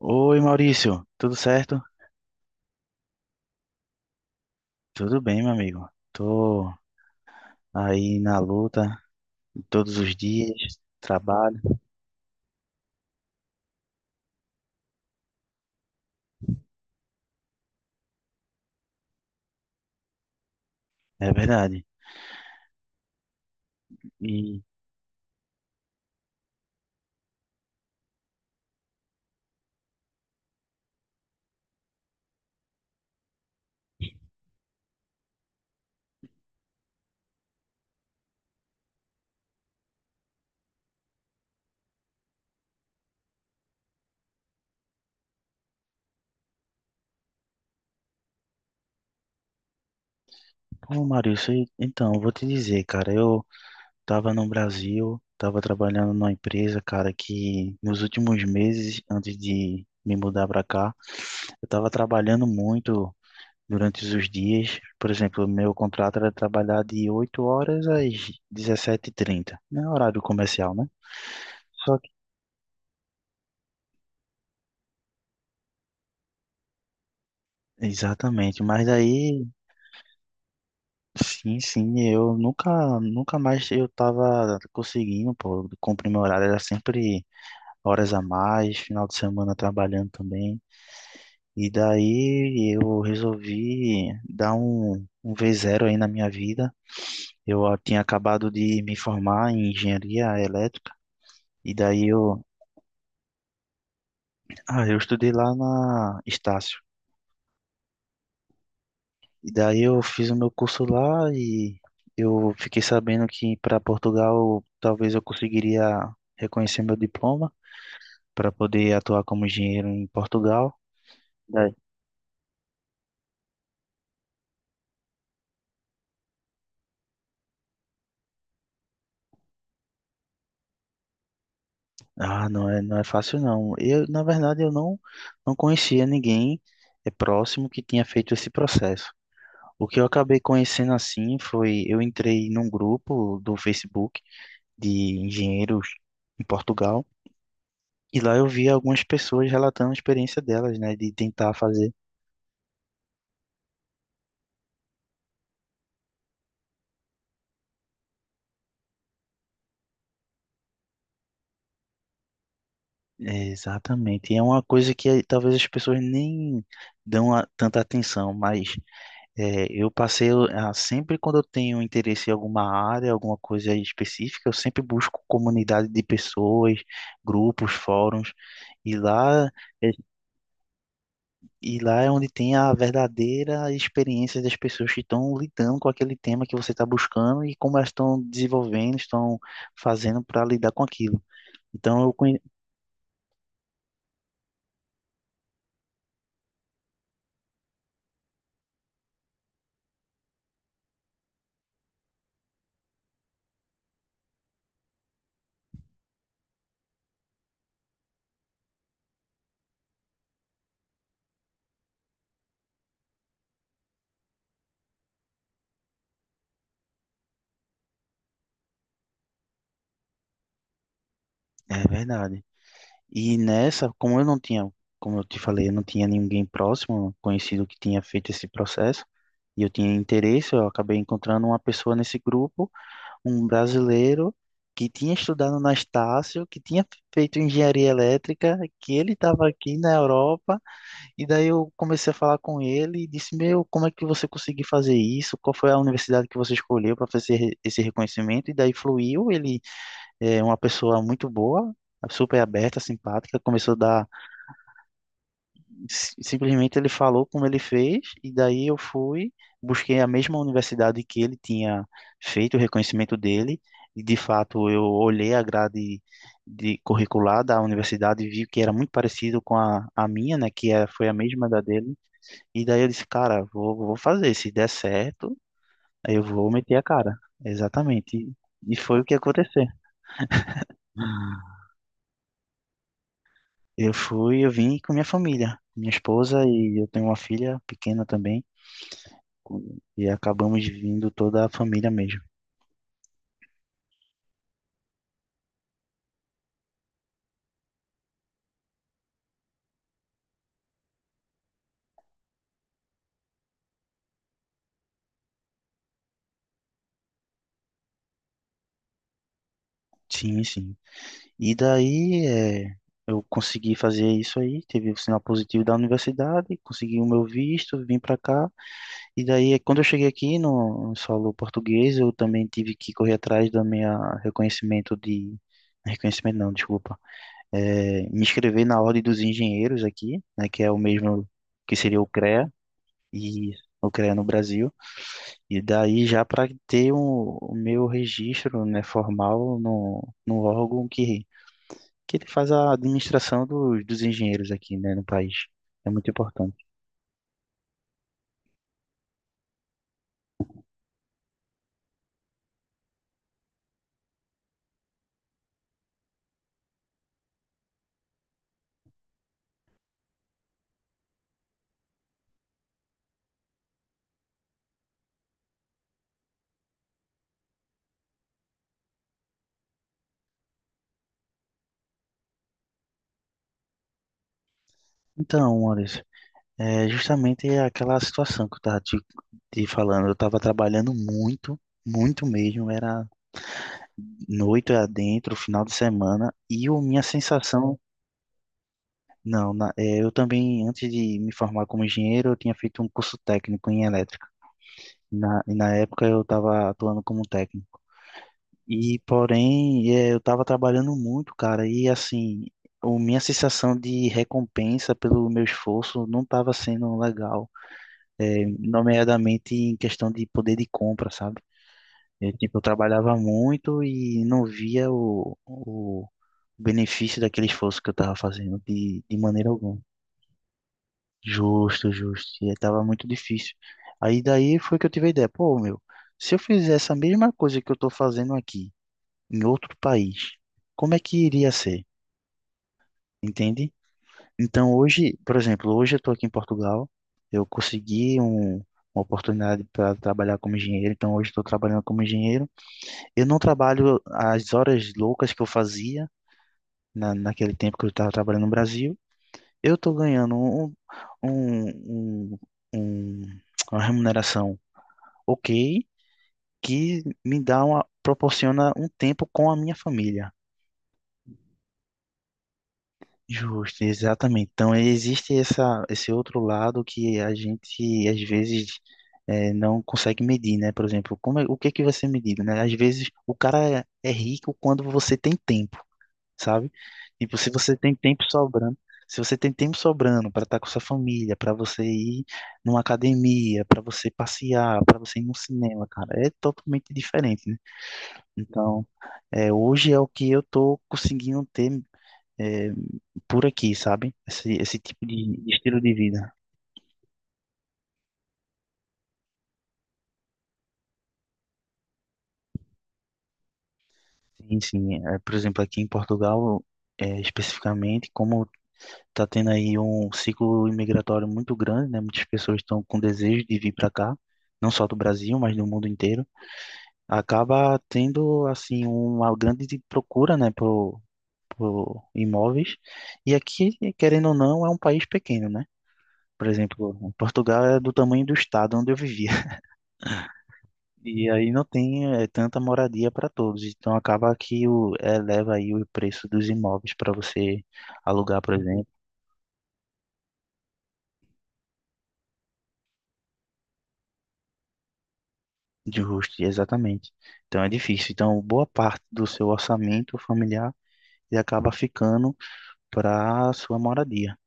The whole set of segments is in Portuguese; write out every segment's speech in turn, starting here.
Oi, Maurício, tudo certo? Tudo bem, meu amigo. Tô aí na luta todos os dias, trabalho, é verdade. E, pô, Maurício, então, eu vou te dizer, cara, eu tava no Brasil, tava trabalhando numa empresa, cara, que nos últimos meses, antes de me mudar pra cá, eu tava trabalhando muito durante os dias. Por exemplo, meu contrato era trabalhar de 8 horas às 17h30, né? Horário comercial, né? Só exatamente, mas aí, sim, sim, eu nunca, nunca mais eu tava conseguindo, pô, cumprir meu horário, era sempre horas a mais, final de semana trabalhando também, e daí eu resolvi dar um V0 aí na minha vida, eu tinha acabado de me formar em engenharia elétrica, e daí eu, ah, eu estudei lá na Estácio. E daí eu fiz o meu curso lá e eu fiquei sabendo que para Portugal talvez eu conseguiria reconhecer meu diploma para poder atuar como engenheiro em Portugal. Daí- Ah, não é, não é fácil não. Na verdade, eu não conhecia ninguém é próximo que tinha feito esse processo. O que eu acabei conhecendo assim foi eu entrei num grupo do Facebook de engenheiros em Portugal e lá eu vi algumas pessoas relatando a experiência delas, né, de tentar fazer. É, exatamente. E é uma coisa que talvez as pessoas nem tanta atenção, mas sempre quando eu tenho interesse em alguma área, alguma coisa específica, eu sempre busco comunidade de pessoas, grupos, fóruns, e lá, é- e lá é onde tem a verdadeira experiência das pessoas que estão lidando com aquele tema que você está buscando e como elas estão desenvolvendo, estão fazendo para lidar com aquilo. Então eu conhe... É verdade. E nessa, como eu não tinha, como eu te falei, eu não tinha ninguém próximo, conhecido que tinha feito esse processo, e eu tinha interesse, eu acabei encontrando uma pessoa nesse grupo, um brasileiro que tinha estudado na Estácio, que tinha feito engenharia elétrica, que ele estava aqui na Europa, e daí eu comecei a falar com ele e disse: Meu, como é que você conseguiu fazer isso? Qual foi a universidade que você escolheu para fazer esse reconhecimento? E daí fluiu, ele é uma pessoa muito boa, super aberta, simpática. Começou a dar. Simplesmente ele falou como ele fez, e daí eu fui, busquei a mesma universidade que ele tinha feito o reconhecimento dele, e de fato eu olhei a grade de curricular da universidade e vi que era muito parecido com a minha, né, que é, foi a mesma da dele. E daí eu disse, cara, vou fazer, se der certo, eu vou meter a cara. Exatamente. E foi o que aconteceu. Eu fui, eu vim com minha família, minha esposa e eu tenho uma filha pequena também, e acabamos vindo toda a família mesmo. Sim, sim. E daí é, eu consegui fazer isso aí, teve o sinal positivo da universidade, consegui o meu visto, vim para cá. E daí, é, quando eu cheguei aqui no solo português, eu também tive que correr atrás do meu reconhecimento de... Reconhecimento não, desculpa. É, me inscrever na Ordem dos Engenheiros aqui, né, que é o mesmo que seria o CREA. E eu criei no Brasil. E daí já para ter o meu registro, né, formal no órgão que ele faz a administração dos engenheiros aqui, né, no país. É muito importante. Então, Anderson, é justamente aquela situação que eu estava te falando. Eu estava trabalhando muito, muito mesmo. Era noite adentro, final de semana, e a minha sensação. Não, na- é, eu também, antes de me formar como engenheiro, eu tinha feito um curso técnico em elétrica. E na época eu estava atuando como técnico. E, porém, é, eu estava trabalhando muito, cara, e assim, minha sensação de recompensa pelo meu esforço não estava sendo legal, é, nomeadamente em questão de poder de compra, sabe? Eu, tipo, eu trabalhava muito e não via o benefício daquele esforço que eu estava fazendo de maneira alguma. Justo, justo. E tava muito difícil. Aí daí foi que eu tive a ideia, pô, meu, se eu fizer essa mesma coisa que eu tô fazendo aqui, em outro país, como é que iria ser? Entende? Então hoje, por exemplo, hoje eu tô aqui em Portugal, eu consegui uma oportunidade para trabalhar como engenheiro, então hoje estou trabalhando como engenheiro. Eu não trabalho as horas loucas que eu fazia naquele tempo que eu estava trabalhando no Brasil, eu tô ganhando um, um- um- uma remuneração ok, que me dá uma, proporciona um tempo com a minha família. Justo, exatamente. Então, existe essa, esse outro lado que a gente, às vezes, não consegue medir, né? Por exemplo, o que é que vai ser medido, né? Às vezes, o cara é, é rico quando você tem tempo. Sabe? Tipo, se você tem tempo sobrando, se você tem tempo sobrando para estar com sua família, para você ir numa academia, para você passear, para você ir no cinema, cara, é totalmente diferente, né? Então, é, hoje é o que eu tô conseguindo ter é, por aqui, sabe? Esse tipo de estilo de vida. Sim, sim. É, por exemplo, aqui em Portugal, é, especificamente, como tá tendo aí um ciclo imigratório muito grande, né? Muitas pessoas estão com desejo de vir para cá, não só do Brasil, mas do mundo inteiro. Acaba tendo assim uma grande procura, né, por imóveis. E aqui, querendo ou não, é um país pequeno, né? Por exemplo, Portugal é do tamanho do estado onde eu vivia. E aí não tem tanta moradia para todos. Então acaba que o, eleva aí o preço dos imóveis para você alugar, por exemplo. Justo, exatamente. Então é difícil. Então, boa parte do seu orçamento familiar ele acaba ficando para sua moradia.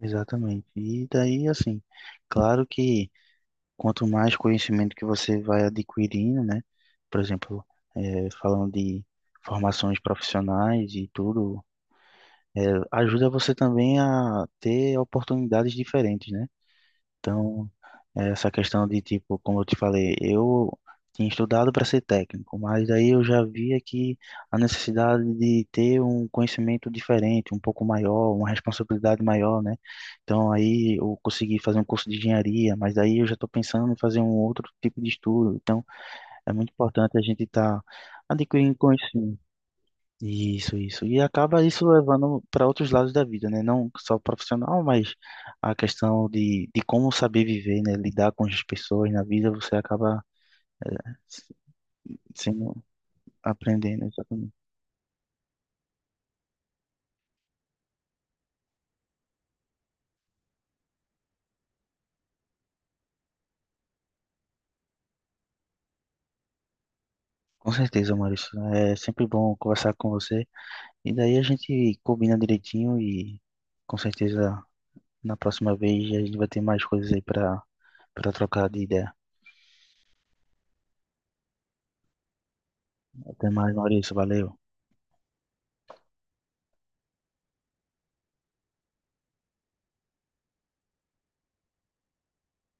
Exatamente. E daí, assim, claro que quanto mais conhecimento que você vai adquirindo, né? Por exemplo, falando de formações profissionais e tudo, eh, ajuda você também a ter oportunidades diferentes, né? Então, é, essa questão de, tipo, como eu te falei, eu tinha estudado para ser técnico, mas aí eu já via que a necessidade de ter um conhecimento diferente, um pouco maior, uma responsabilidade maior, né? Então aí eu consegui fazer um curso de engenharia, mas daí eu já estou pensando em fazer um outro tipo de estudo. Então é muito importante a gente estar adquirindo conhecimento. Isso, isso. E acaba isso levando para outros lados da vida, né? Não só o profissional, mas a questão de como saber viver, né? Lidar com as pessoas na vida, você acaba é, se- sendo, aprendendo. Exatamente. Com certeza, Maurício. É sempre bom conversar com você. E daí a gente combina direitinho e com certeza na próxima vez a gente vai ter mais coisas aí para para trocar de ideia. Até mais, Maurício. Valeu.